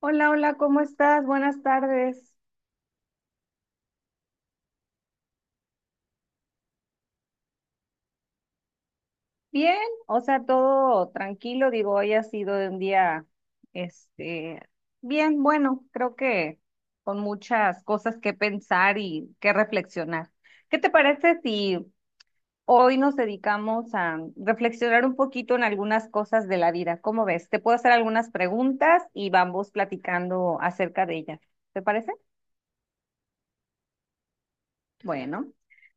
Hola, hola, ¿cómo estás? Buenas tardes. Bien, o sea, todo tranquilo, digo, hoy ha sido un día, este, bien, bueno, creo que con muchas cosas que pensar y que reflexionar. ¿Qué te parece si hoy nos dedicamos a reflexionar un poquito en algunas cosas de la vida? ¿Cómo ves? Te puedo hacer algunas preguntas y vamos platicando acerca de ellas. ¿Te parece? Bueno,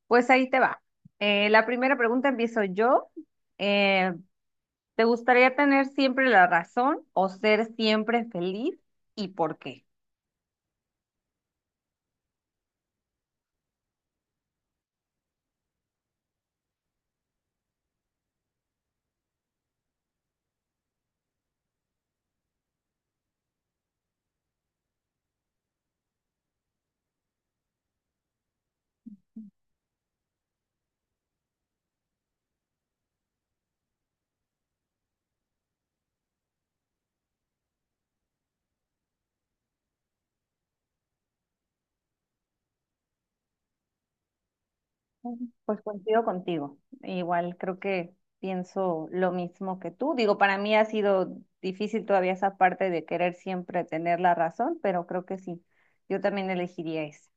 pues ahí te va. La primera pregunta empiezo yo. Eh, ¿Te gustaría tener siempre la razón o ser siempre feliz y por qué? Ujú. Pues coincido contigo. Igual creo que pienso lo mismo que tú. Digo, para mí ha sido difícil todavía esa parte de querer siempre tener la razón, pero creo que sí. Yo también elegiría esa.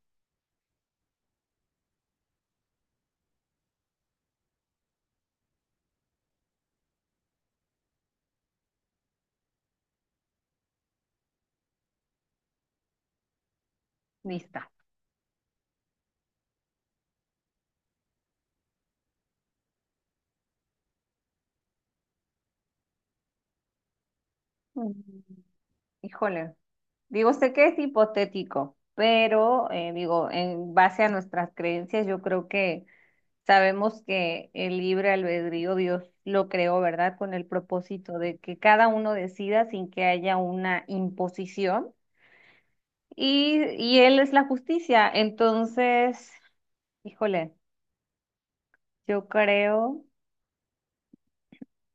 Lista. Mm, Híjole. Digo, sé que es hipotético, pero digo, en base a nuestras creencias, yo creo que sabemos que el libre albedrío Dios lo creó, ¿verdad? Con el propósito de que cada uno decida sin que haya una imposición. Y Él es la justicia. Entonces, híjole, yo creo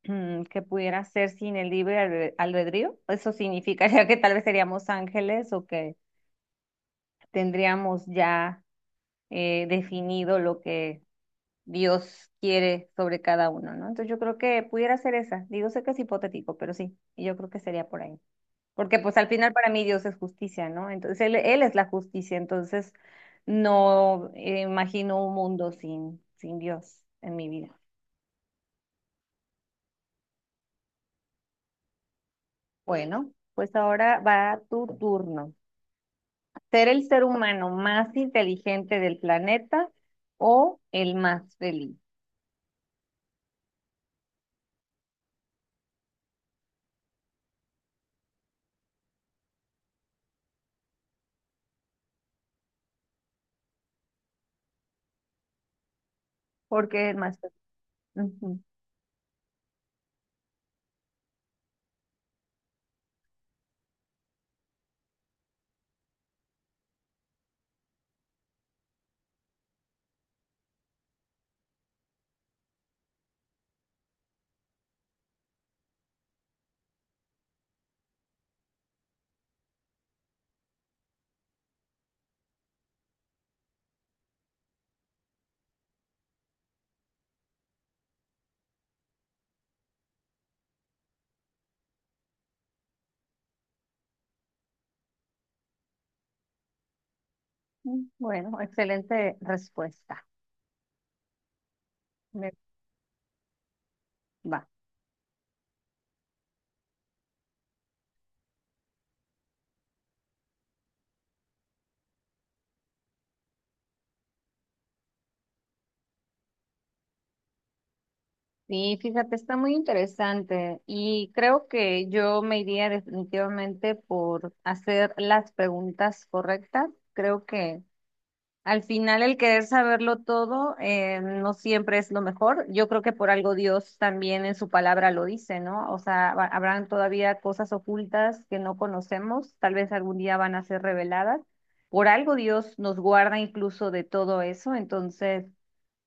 que pudiera ser sin el libre albedrío. Eso significaría que tal vez seríamos ángeles o que tendríamos ya definido lo que Dios quiere sobre cada uno, ¿no? Entonces yo creo que pudiera ser esa. Digo, sé que es hipotético, pero sí, y yo creo que sería por ahí. Porque pues al final para mí Dios es justicia, ¿no? Entonces él es la justicia, entonces no imagino un mundo sin Dios en mi vida. Bueno, pues ahora va tu turno. ¿Ser el ser humano más inteligente del planeta o el más feliz? ¿Por qué el más feliz? Ujú. Bueno, excelente respuesta. Me- Va. Sí, fíjate, está muy interesante y creo que yo me iría definitivamente por hacer las preguntas correctas. Creo que al final el querer saberlo todo no siempre es lo mejor. Yo creo que por algo Dios también en su palabra lo dice, ¿no? O sea, habrán todavía cosas ocultas que no conocemos, tal vez algún día van a ser reveladas. Por algo Dios nos guarda incluso de todo eso, entonces.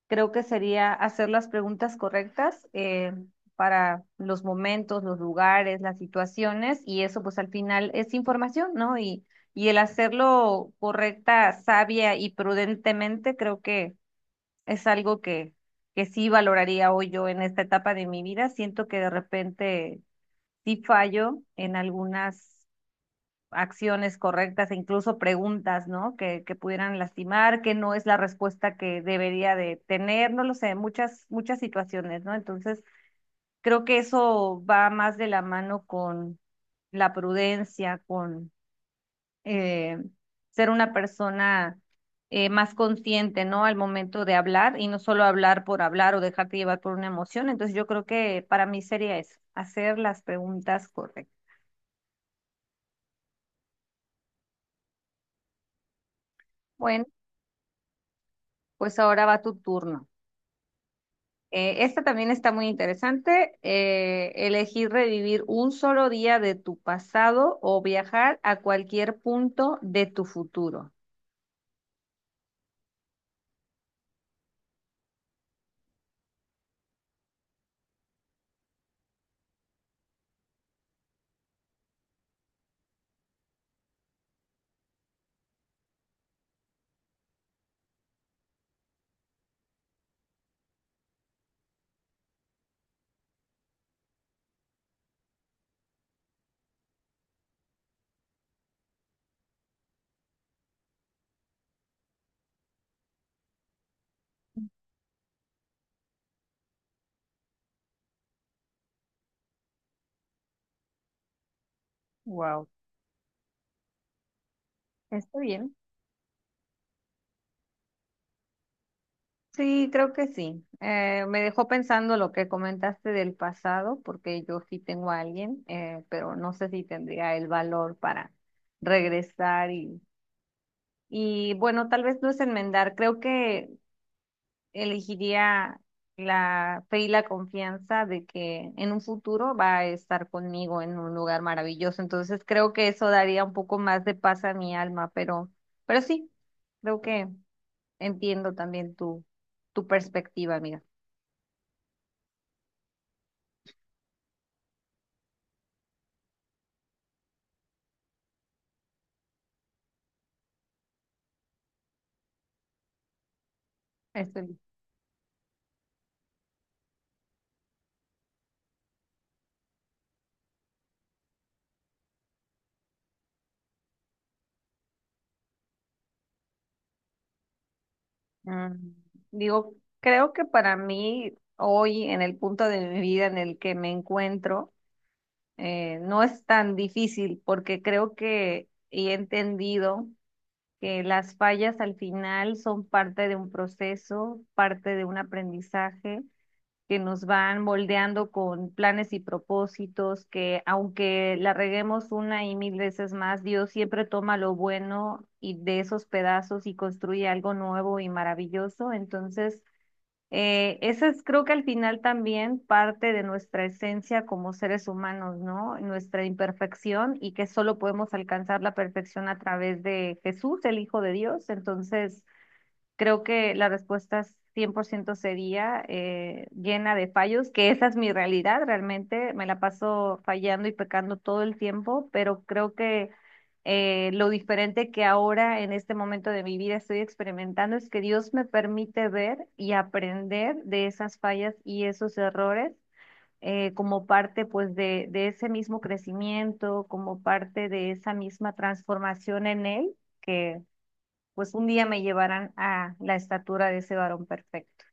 Creo que sería hacer las preguntas correctas para los momentos, los lugares, las situaciones, y eso pues al final es información, ¿no? Y el hacerlo correcta, sabia y prudentemente, creo que es algo que sí valoraría hoy yo en esta etapa de mi vida. Siento que de repente sí fallo en algunas acciones correctas e incluso preguntas, ¿no? Que pudieran lastimar, que no es la respuesta que debería de tener, no lo sé, muchas, muchas situaciones, ¿no? Entonces, creo que eso va más de la mano con la prudencia, con eh, ser una persona más consciente, ¿no? Al momento de hablar y no solo hablar por hablar o dejarte llevar por una emoción. Entonces, yo creo que para mí sería eso, hacer las preguntas correctas. Bueno, pues ahora va tu turno. Esta también está muy interesante. Elegir revivir un solo día de tu pasado o viajar a cualquier punto de tu futuro. Wow, está bien. Sí, creo que sí. Me dejó pensando lo que comentaste del pasado, porque yo sí tengo a alguien, pero no sé si tendría el valor para regresar y bueno, tal vez no es enmendar. Creo que elegiría la fe y la confianza de que en un futuro va a estar conmigo en un lugar maravilloso. Entonces creo que eso daría un poco más de paz a mi alma, pero sí, creo que entiendo también tu perspectiva, amiga. Estoy. mm, Digo, creo que para mí hoy, en el punto de mi vida en el que me encuentro, no es tan difícil porque creo que he entendido que las fallas al final son parte de un proceso, parte de un aprendizaje que nos van moldeando con planes y propósitos, que aunque la reguemos una y mil veces más, Dios siempre toma lo bueno y de esos pedazos y construye algo nuevo y maravilloso. Entonces, esa es creo que al final también parte de nuestra esencia como seres humanos, ¿no? Nuestra imperfección y que solo podemos alcanzar la perfección a través de Jesús, el Hijo de Dios. Entonces, creo que la respuesta es 100% sería llena de fallos, que esa es mi realidad realmente. Me la paso fallando y pecando todo el tiempo, pero creo que lo diferente que ahora en este momento de mi vida estoy experimentando es que Dios me permite ver y aprender de esas fallas y esos errores como parte pues de ese mismo crecimiento, como parte de esa misma transformación en Él que pues un día me llevarán a la estatura de ese varón perfecto.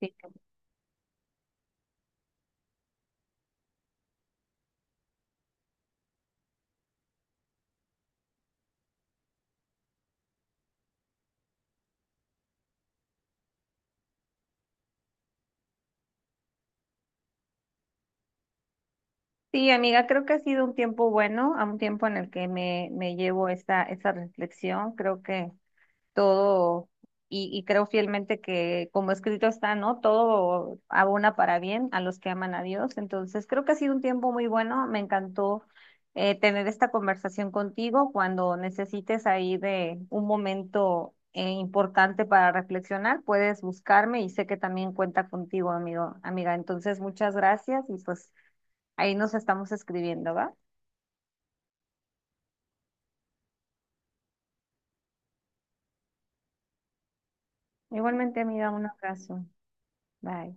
Sí, sí, amiga, creo que ha sido un tiempo bueno, a un tiempo en el que me llevo esta reflexión. Creo que todo, y creo fielmente que como escrito está, ¿no? Todo abona para bien a los que aman a Dios. Entonces, creo que ha sido un tiempo muy bueno. Me encantó tener esta conversación contigo cuando necesites ahí de un momento importante para reflexionar. Puedes buscarme y sé que también cuenta contigo, amigo, amiga. Entonces, muchas gracias y pues ahí nos estamos escribiendo, ¿va? Igualmente, amiga, un abrazo. Bye.